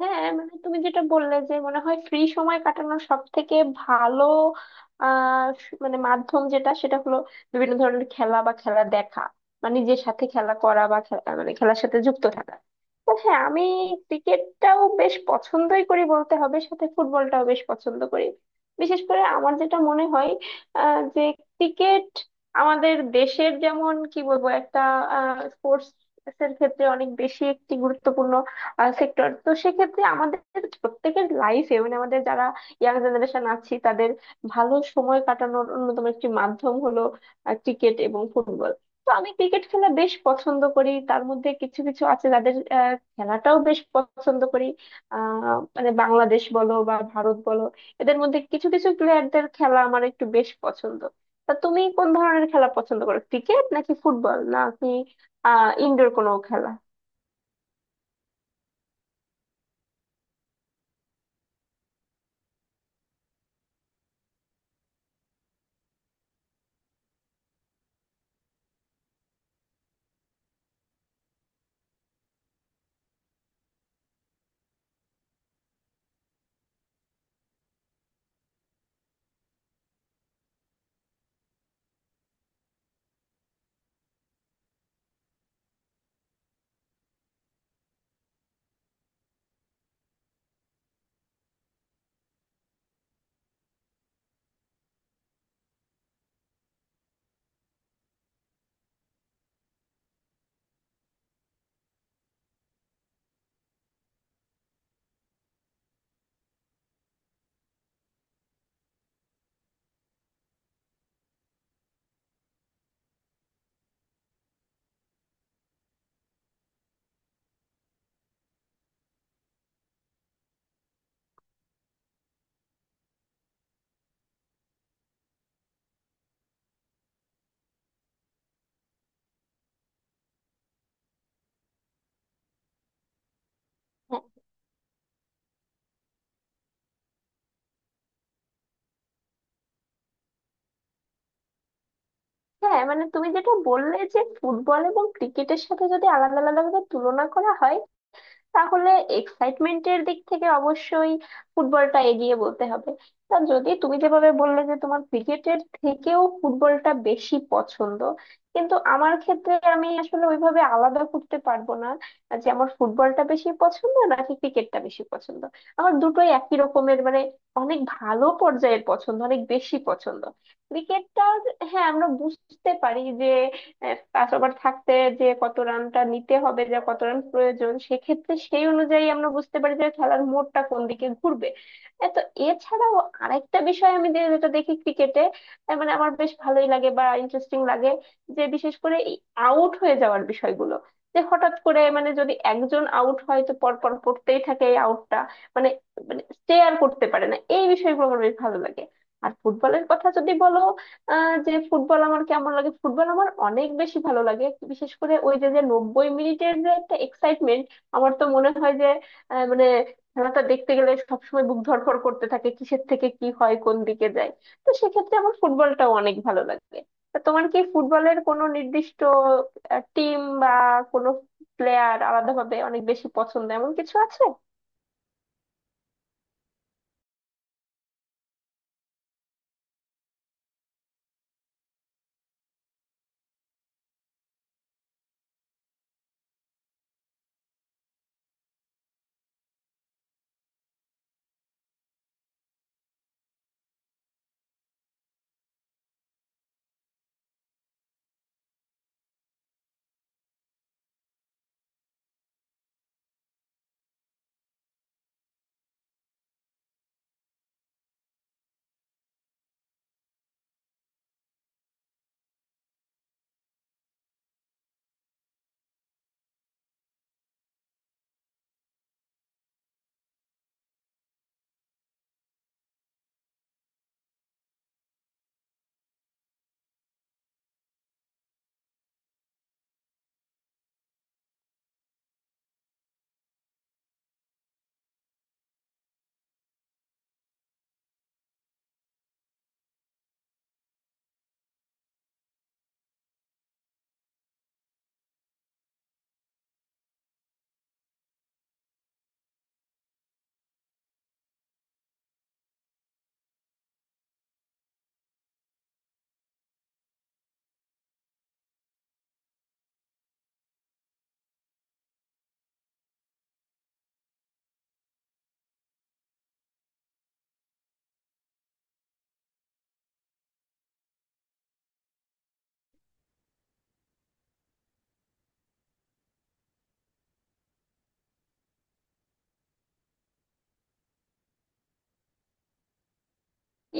হ্যাঁ, মানে তুমি যেটা বললে যে মনে হয় ফ্রি সময় কাটানোর সব থেকে ভালো মানে মাধ্যম যেটা সেটা হলো বিভিন্ন ধরনের খেলা বা খেলা দেখা বা নিজের সাথে খেলা করা বা খেলা মানে খেলার সাথে যুক্ত থাকা। তো হ্যাঁ, আমি ক্রিকেটটাও বেশ পছন্দই করি বলতে হবে, সাথে ফুটবলটাও বেশ পছন্দ করি। বিশেষ করে আমার যেটা মনে হয় যে ক্রিকেট আমাদের দেশের যেমন কি বলবো একটা স্পোর্টস এর ক্ষেত্রে অনেক বেশি একটি গুরুত্বপূর্ণ সেক্টর। তো সেক্ষেত্রে আমাদের প্রত্যেকের লাইফে মানে আমাদের যারা ইয়াং জেনারেশন আছি তাদের ভালো সময় কাটানোর অন্যতম একটি মাধ্যম হলো ক্রিকেট এবং ফুটবল। তো আমি ক্রিকেট খেলা বেশ পছন্দ করি, তার মধ্যে কিছু কিছু আছে যাদের খেলাটাও বেশ পছন্দ করি। মানে বাংলাদেশ বলো বা ভারত বলো, এদের মধ্যে কিছু কিছু প্লেয়ারদের খেলা আমার একটু বেশ পছন্দ। তা তুমি কোন ধরনের খেলা পছন্দ করো, ক্রিকেট নাকি ফুটবল নাকি ইনডোর কোনো খেলা? হ্যাঁ, মানে তুমি যেটা বললে যে ফুটবল এবং ক্রিকেটের সাথে যদি আলাদা আলাদা ভাবে তুলনা করা হয়, তাহলে এক্সাইটমেন্টের দিক থেকে অবশ্যই ফুটবলটা এগিয়ে বলতে হবে। তা যদি তুমি যেভাবে বললে যে তোমার ক্রিকেটের থেকেও ফুটবলটা বেশি পছন্দ, কিন্তু আমার ক্ষেত্রে আমি আসলে ওইভাবে আলাদা করতে পারবো না যে আমার ফুটবলটা বেশি পছন্দ নাকি ক্রিকেটটা বেশি পছন্দ। আমার দুটোই একই রকমের, মানে অনেক ভালো পর্যায়ের পছন্দ, অনেক বেশি পছন্দ। ক্রিকেটটা, হ্যাঁ আমরা বুঝতে পারি যে পাস ওভার থাকতে যে কত রানটা নিতে হবে যা কত রান প্রয়োজন, সেক্ষেত্রে সেই অনুযায়ী আমরা বুঝতে পারি যে খেলার মোড়টা কোন দিকে ঘুরবে। এ তো এছাড়াও আরেকটা বিষয় আমি যেটা দেখি ক্রিকেটে, মানে আমার বেশ ভালোই লাগে বা ইন্টারেস্টিং লাগে, যে বিশেষ করে এই আউট হয়ে যাওয়ার বিষয়গুলো, যে হঠাৎ করে মানে যদি একজন আউট হয় তো পরপর পড়তেই থাকে এই আউটটা, মানে মানে স্টে আর করতে পারে না, এই বিষয়গুলো আমার বেশ ভালো লাগে। আর ফুটবলের কথা যদি বলো, যে ফুটবল আমার কেমন লাগে, ফুটবল আমার অনেক বেশি ভালো লাগে। বিশেষ করে ওই যে যে 90 মিনিটের যে একটা এক্সাইটমেন্ট, আমার তো মনে হয় যে মানে খেলাটা দেখতে গেলে সবসময় বুক ধড়ফড় করতে থাকে কিসের থেকে কি হয়, কোন দিকে যায়। তো সেক্ষেত্রে আমার ফুটবলটাও অনেক ভালো লাগে। তা তোমার কি ফুটবলের কোনো নির্দিষ্ট টিম বা কোনো প্লেয়ার আলাদাভাবে অনেক বেশি পছন্দ, এমন কিছু আছে?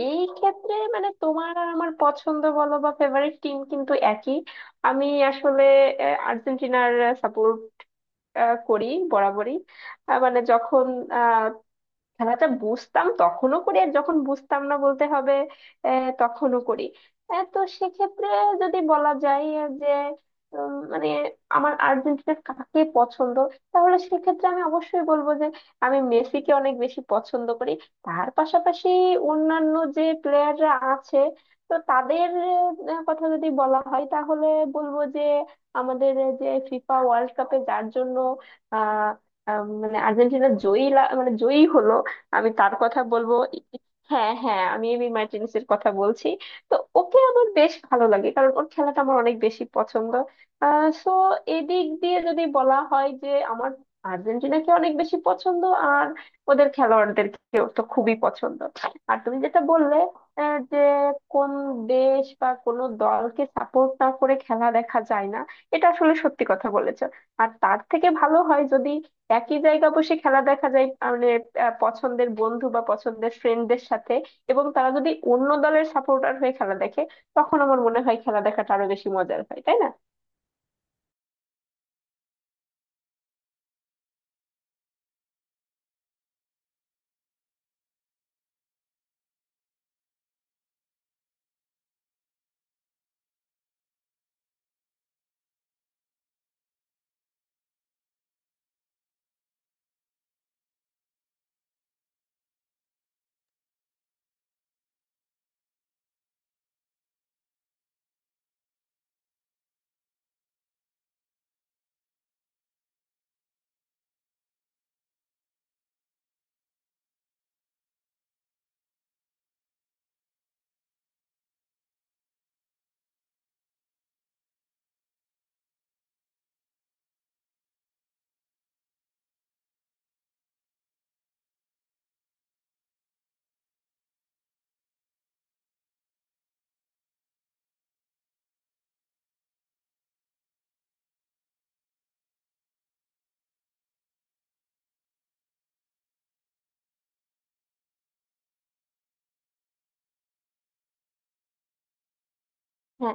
এই ক্ষেত্রে মানে তোমার আর আমার পছন্দ বলো বা ফেভারিট টিম কিন্তু একই। আমি আসলে আর্জেন্টিনার সাপোর্ট করি বরাবরই। মানে যখন খেলাটা বুঝতাম তখনও করি আর যখন বুঝতাম না বলতে হবে তখনও করি। তো সেক্ষেত্রে যদি বলা যায় যে মানে আমার আর্জেন্টিনার কাকে পছন্দ, তাহলে সেক্ষেত্রে আমি অবশ্যই বলবো যে আমি মেসিকে অনেক বেশি পছন্দ করি। তার পাশাপাশি অন্যান্য যে প্লেয়াররা আছে তো তাদের কথা যদি বলা হয় তাহলে বলবো যে আমাদের যে ফিফা ওয়ার্ল্ড কাপে যার জন্য আহ আহ, মানে আর্জেন্টিনা মানে জয়ী হলো। আমি তার কথা বলবো। হ্যাঁ হ্যাঁ, আমি এমি মার্টিনেসের কথা বলছি। তো ওকে আমার বেশ ভালো লাগে কারণ ওর খেলাটা আমার অনেক বেশি পছন্দ। সো এদিক দিয়ে যদি বলা হয় যে আমার আর্জেন্টিনাকে অনেক বেশি পছন্দ আর ওদের খেলোয়াড়দেরকে তো খুবই পছন্দ। আর তুমি যেটা বললে যে কোন দেশ বা কোন দলকে সাপোর্ট না করে খেলা দেখা যায় না, এটা আসলে সত্যি কথা বলেছো। আর তার থেকে ভালো হয় যদি একই জায়গা বসে খেলা দেখা যায়, মানে পছন্দের বন্ধু বা পছন্দের ফ্রেন্ডদের সাথে। এবং তারা যদি অন্য দলের সাপোর্টার হয়ে খেলা দেখে, তখন আমার মনে হয় খেলা দেখাটা আরো বেশি মজার হয়, তাই না? হ্যাঁ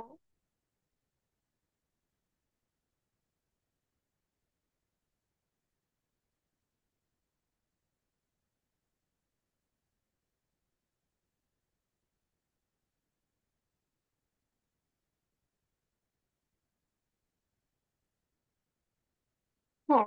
হ্যাঁ।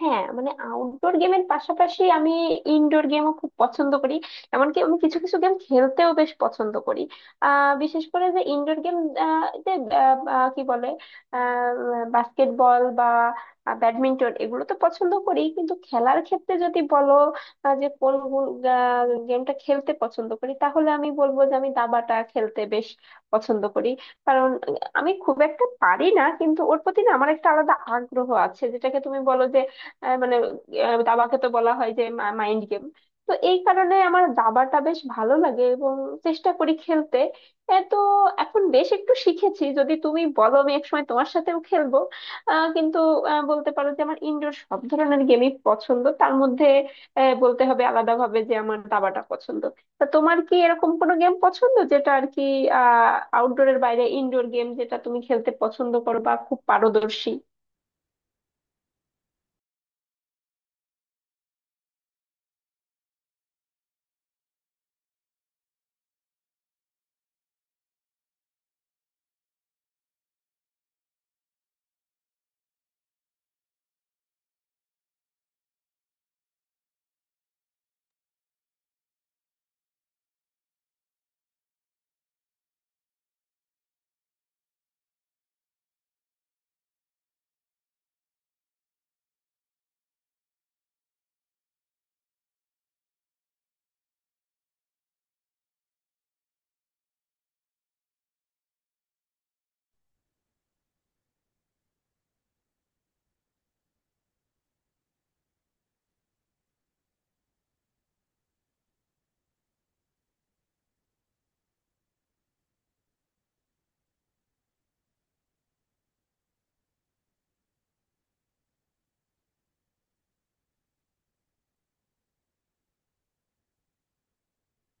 হ্যাঁ, মানে আউটডোর গেমের পাশাপাশি আমি ইনডোর গেমও খুব পছন্দ করি। এমনকি আমি কিছু কিছু গেম খেলতেও বেশ পছন্দ করি। বিশেষ করে যে ইনডোর গেম যে আহ, আহ, কি বলে বাস্কেটবল বা ব্যাডমিন্টন, এগুলো তো পছন্দ করি। কিন্তু খেলার ক্ষেত্রে যদি বলো যে কোন গেমটা খেলতে পছন্দ করি, তাহলে আমি বলবো যে আমি দাবাটা খেলতে বেশ পছন্দ করি। কারণ আমি খুব একটা পারি না কিন্তু ওর প্রতি না আমার একটা আলাদা আগ্রহ আছে, যেটাকে তুমি বলো মানে দাবাকে তো বলা হয় যে মাইন্ড গেম। তো এই কারণে আমার দাবাটা বেশ ভালো লাগে এবং চেষ্টা করি খেলতে। এ তো এখন বেশ একটু শিখেছি, যদি তুমি বলো আমি একসময় তোমার সাথেও খেলবো। কিন্তু বলতে পারো যে আমার ইনডোর সব ধরনের গেমই পছন্দ, তার মধ্যে বলতে হবে আলাদাভাবে যে আমার দাবাটা পছন্দ। তা তোমার কি এরকম কোনো গেম পছন্দ যেটা আর কি আহ আউটডোরের বাইরে ইনডোর গেম, যেটা তুমি খেলতে পছন্দ করো বা খুব পারদর্শী?